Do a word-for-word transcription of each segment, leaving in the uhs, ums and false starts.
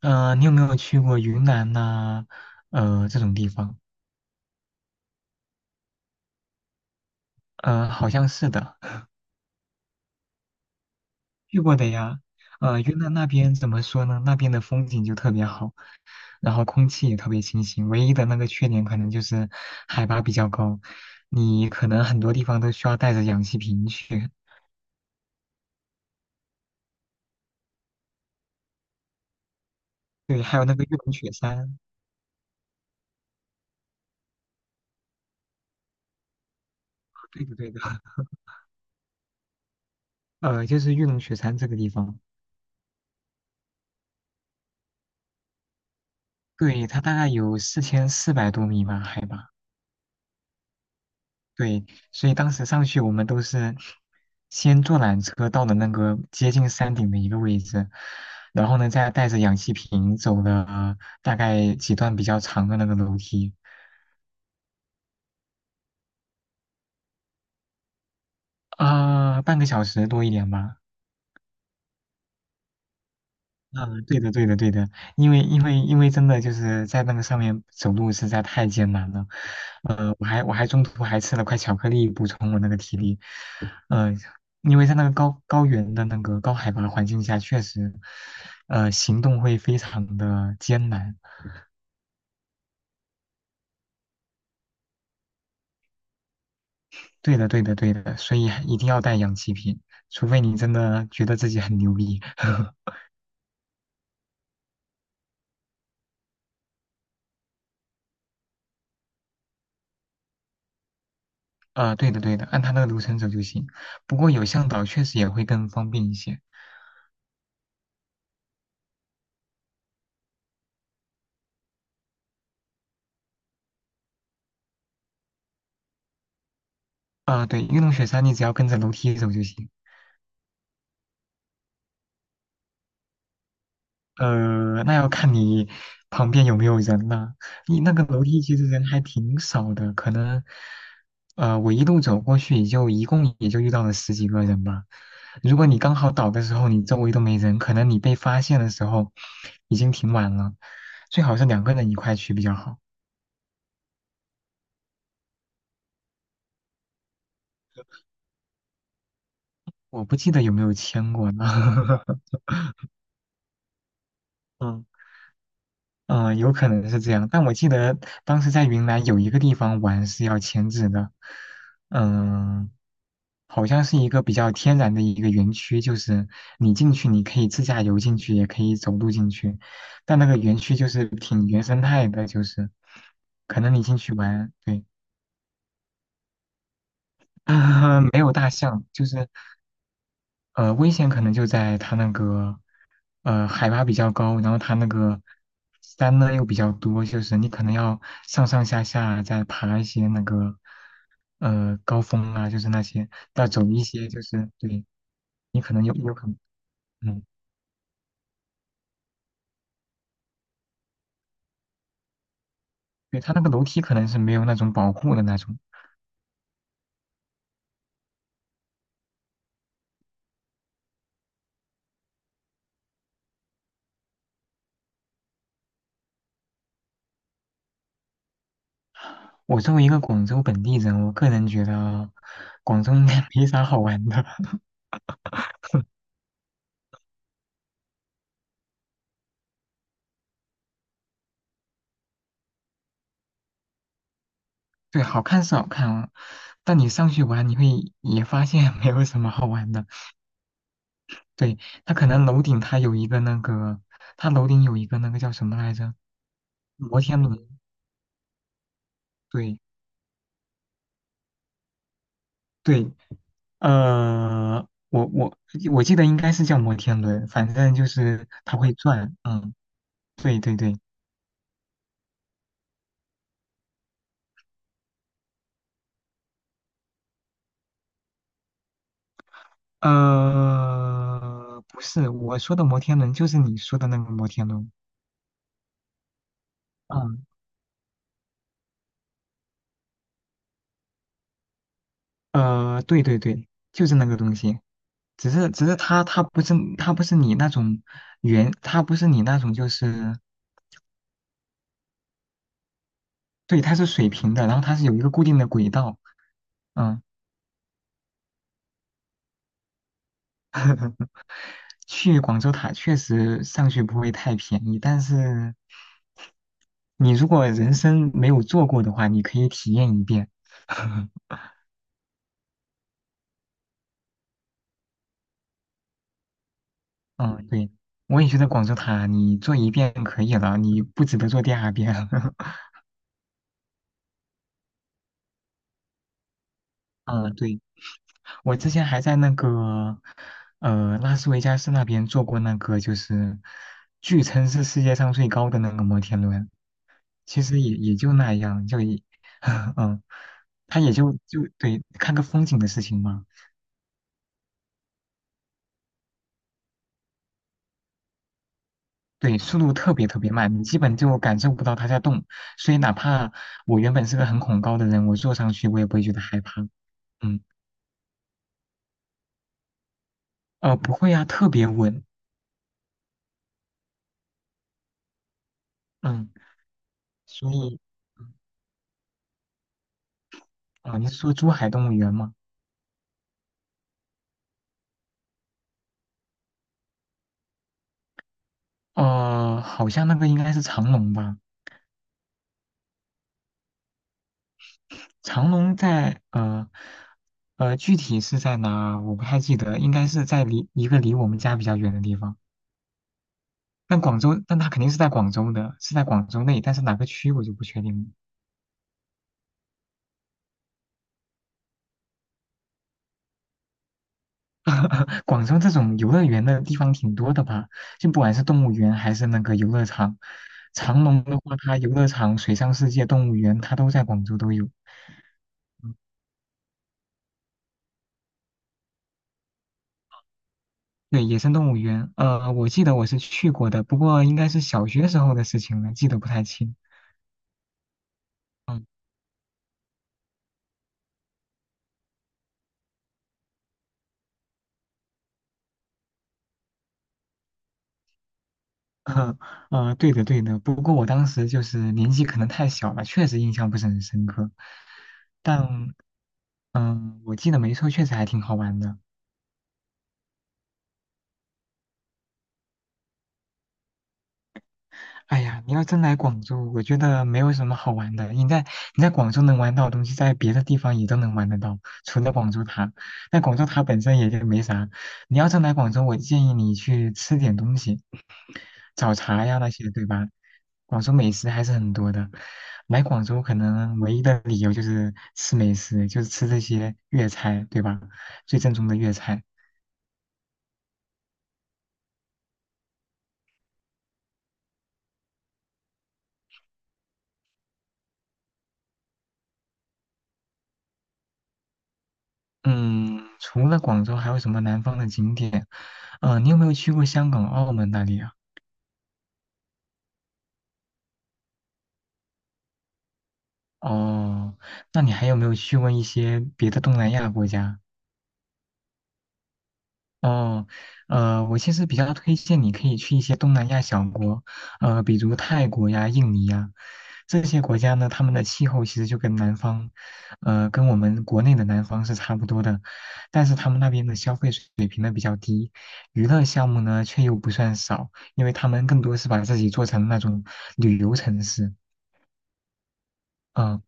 呃，你有没有去过云南呐、呃，这种地方？呃，好像是的，去过的呀。呃，云南那边怎么说呢？那边的风景就特别好，然后空气也特别清新。唯一的那个缺点可能就是海拔比较高，你可能很多地方都需要带着氧气瓶去。对，还有那个玉龙雪山，对的对的，呃，就是玉龙雪山这个地方，对，它大概有四千四百多米吧，海拔。对，所以当时上去我们都是先坐缆车到了那个接近山顶的一个位置，然后呢再带着氧气瓶走了大概几段比较长的那个楼梯，啊、半个小时多一点吧。嗯，对的，对的，对的，因为因为因为真的就是在那个上面走路实在太艰难了，呃，我还我还中途还吃了块巧克力补充我那个体力，呃，因为在那个高高原的那个高海拔环境下，确实，呃，行动会非常的艰难。对的，对的，对的，所以一定要带氧气瓶，除非你真的觉得自己很牛逼。呃，对的，对的，按他那个流程走就行。不过有向导确实也会更方便一些。啊，对，玉龙雪山你只要跟着楼梯走就行。呃，那要看你旁边有没有人了、你那个楼梯其实人还挺少的，可能，呃，我一路走过去也就一共也就遇到了十几个人吧。如果你刚好倒的时候，你周围都没人，可能你被发现的时候已经挺晚了。最好是两个人一块去比较好。我不记得有没有签过呢。嗯嗯、有可能是这样，但我记得当时在云南有一个地方玩是要签字的，嗯、好像是一个比较天然的一个园区，就是你进去你可以自驾游进去，也可以走路进去，但那个园区就是挺原生态的，就是可能你进去玩，对，没有大象，就是呃，危险可能就在它那个，呃，海拔比较高，然后它那个山呢又比较多，就是你可能要上上下下再爬一些那个，呃，高峰啊，就是那些，再走一些，就是对，你可能有有可能，嗯，对，它那个楼梯可能是没有那种保护的那种。我作为一个广州本地人，我个人觉得广州应该 没啥好玩的。对，好看是好看啊，但你上去玩，你会也发现没有什么好玩的。对，它可能楼顶它有一个那个，它楼顶有一个那个叫什么来着？摩天轮。对对，呃，我我我记得应该是叫摩天轮，反正就是它会转。嗯，对对对，呃，不是我说的摩天轮，就是你说的那个摩天轮。嗯，呃，对对对，就是那个东西。只是只是它它不是它不是你那种圆，它不是你那种就是对，它是水平的，然后它是有一个固定的轨道。嗯，去广州塔确实上去不会太便宜，但是你如果人生没有坐过的话，你可以体验一遍。嗯，对，我也觉得广州塔你坐一遍可以了，你不值得坐第二遍。嗯，对，我之前还在那个呃拉斯维加斯那边坐过那个，就是据称是世界上最高的那个摩天轮。其实也也就那样，就也，嗯，他也就就对看个风景的事情嘛。对，速度特别特别慢，你基本就感受不到它在动，所以哪怕我原本是个很恐高的人，我坐上去我也不会觉得害怕。嗯，呃，不会啊，特别稳。嗯，所以，嗯哦，你是说珠海动物园吗？呃，好像那个应该是长隆吧？长隆在呃呃，具体是在哪？我不太记得，应该是在离一个离我们家比较远的地方。但广州，但它肯定是在广州的，是在广州内，但是哪个区我就不确定了。广州这种游乐园的地方挺多的吧？就不管是动物园还是那个游乐场，长隆的话，它游乐场、水上世界、动物园，它都在广州都有。嗯对，野生动物园，呃，我记得我是去过的，不过应该是小学时候的事情了，记得不太清。嗯，呃，对的对的，不过我当时就是年纪可能太小了，确实印象不是很深刻。但嗯，我记得没错，确实还挺好玩的。哎呀，你要真来广州，我觉得没有什么好玩的。你在你在广州能玩到的东西，在别的地方也都能玩得到，除了广州塔。那广州塔本身也就没啥。你要真来广州，我建议你去吃点东西，早茶呀那些，对吧？广州美食还是很多的。来广州可能唯一的理由就是吃美食，就是吃这些粤菜，对吧？最正宗的粤菜。嗯，除了广州，还有什么南方的景点？呃，你有没有去过香港、澳门那里啊？哦，那你还有没有去过一些别的东南亚国家？哦，呃，我其实比较推荐你可以去一些东南亚小国，呃，比如泰国呀、印尼呀，这些国家呢，他们的气候其实就跟南方，呃，跟我们国内的南方是差不多的，但是他们那边的消费水平呢比较低，娱乐项目呢却又不算少，因为他们更多是把自己做成那种旅游城市，嗯。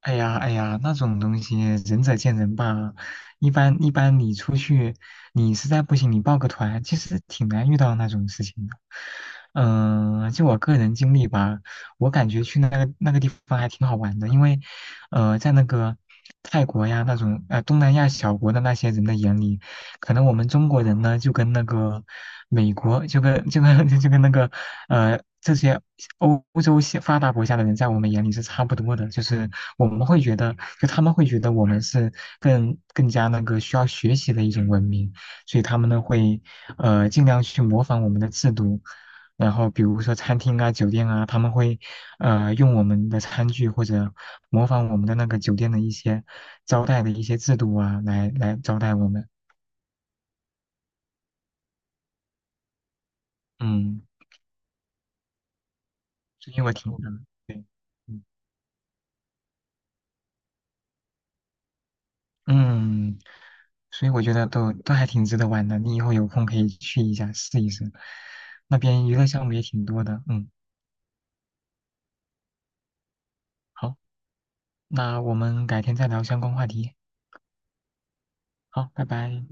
哎呀，哎呀，那种东西仁者见仁吧。一般一般，你出去，你实在不行，你报个团，其实挺难遇到那种事情的。嗯、就我个人经历吧，我感觉去那个那个地方还挺好玩的，因为，呃，在那个泰国呀那种呃东南亚小国的那些人的眼里，可能我们中国人呢就跟那个美国就跟就跟 就跟那个呃，这些欧欧洲些发达国家的人在我们眼里是差不多的，就是我们会觉得，就他们会觉得我们是更更加那个需要学习的一种文明，所以他们呢会呃尽量去模仿我们的制度，然后比如说餐厅啊、酒店啊，他们会呃用我们的餐具或者模仿我们的那个酒店的一些招待的一些制度啊，来来招待我们，嗯，这些我听过的，对。嗯嗯，所以我觉得都都还挺值得玩的，你以后有空可以去一下试一试，那边娱乐项目也挺多的。嗯，好，那我们改天再聊相关话题。好，拜拜。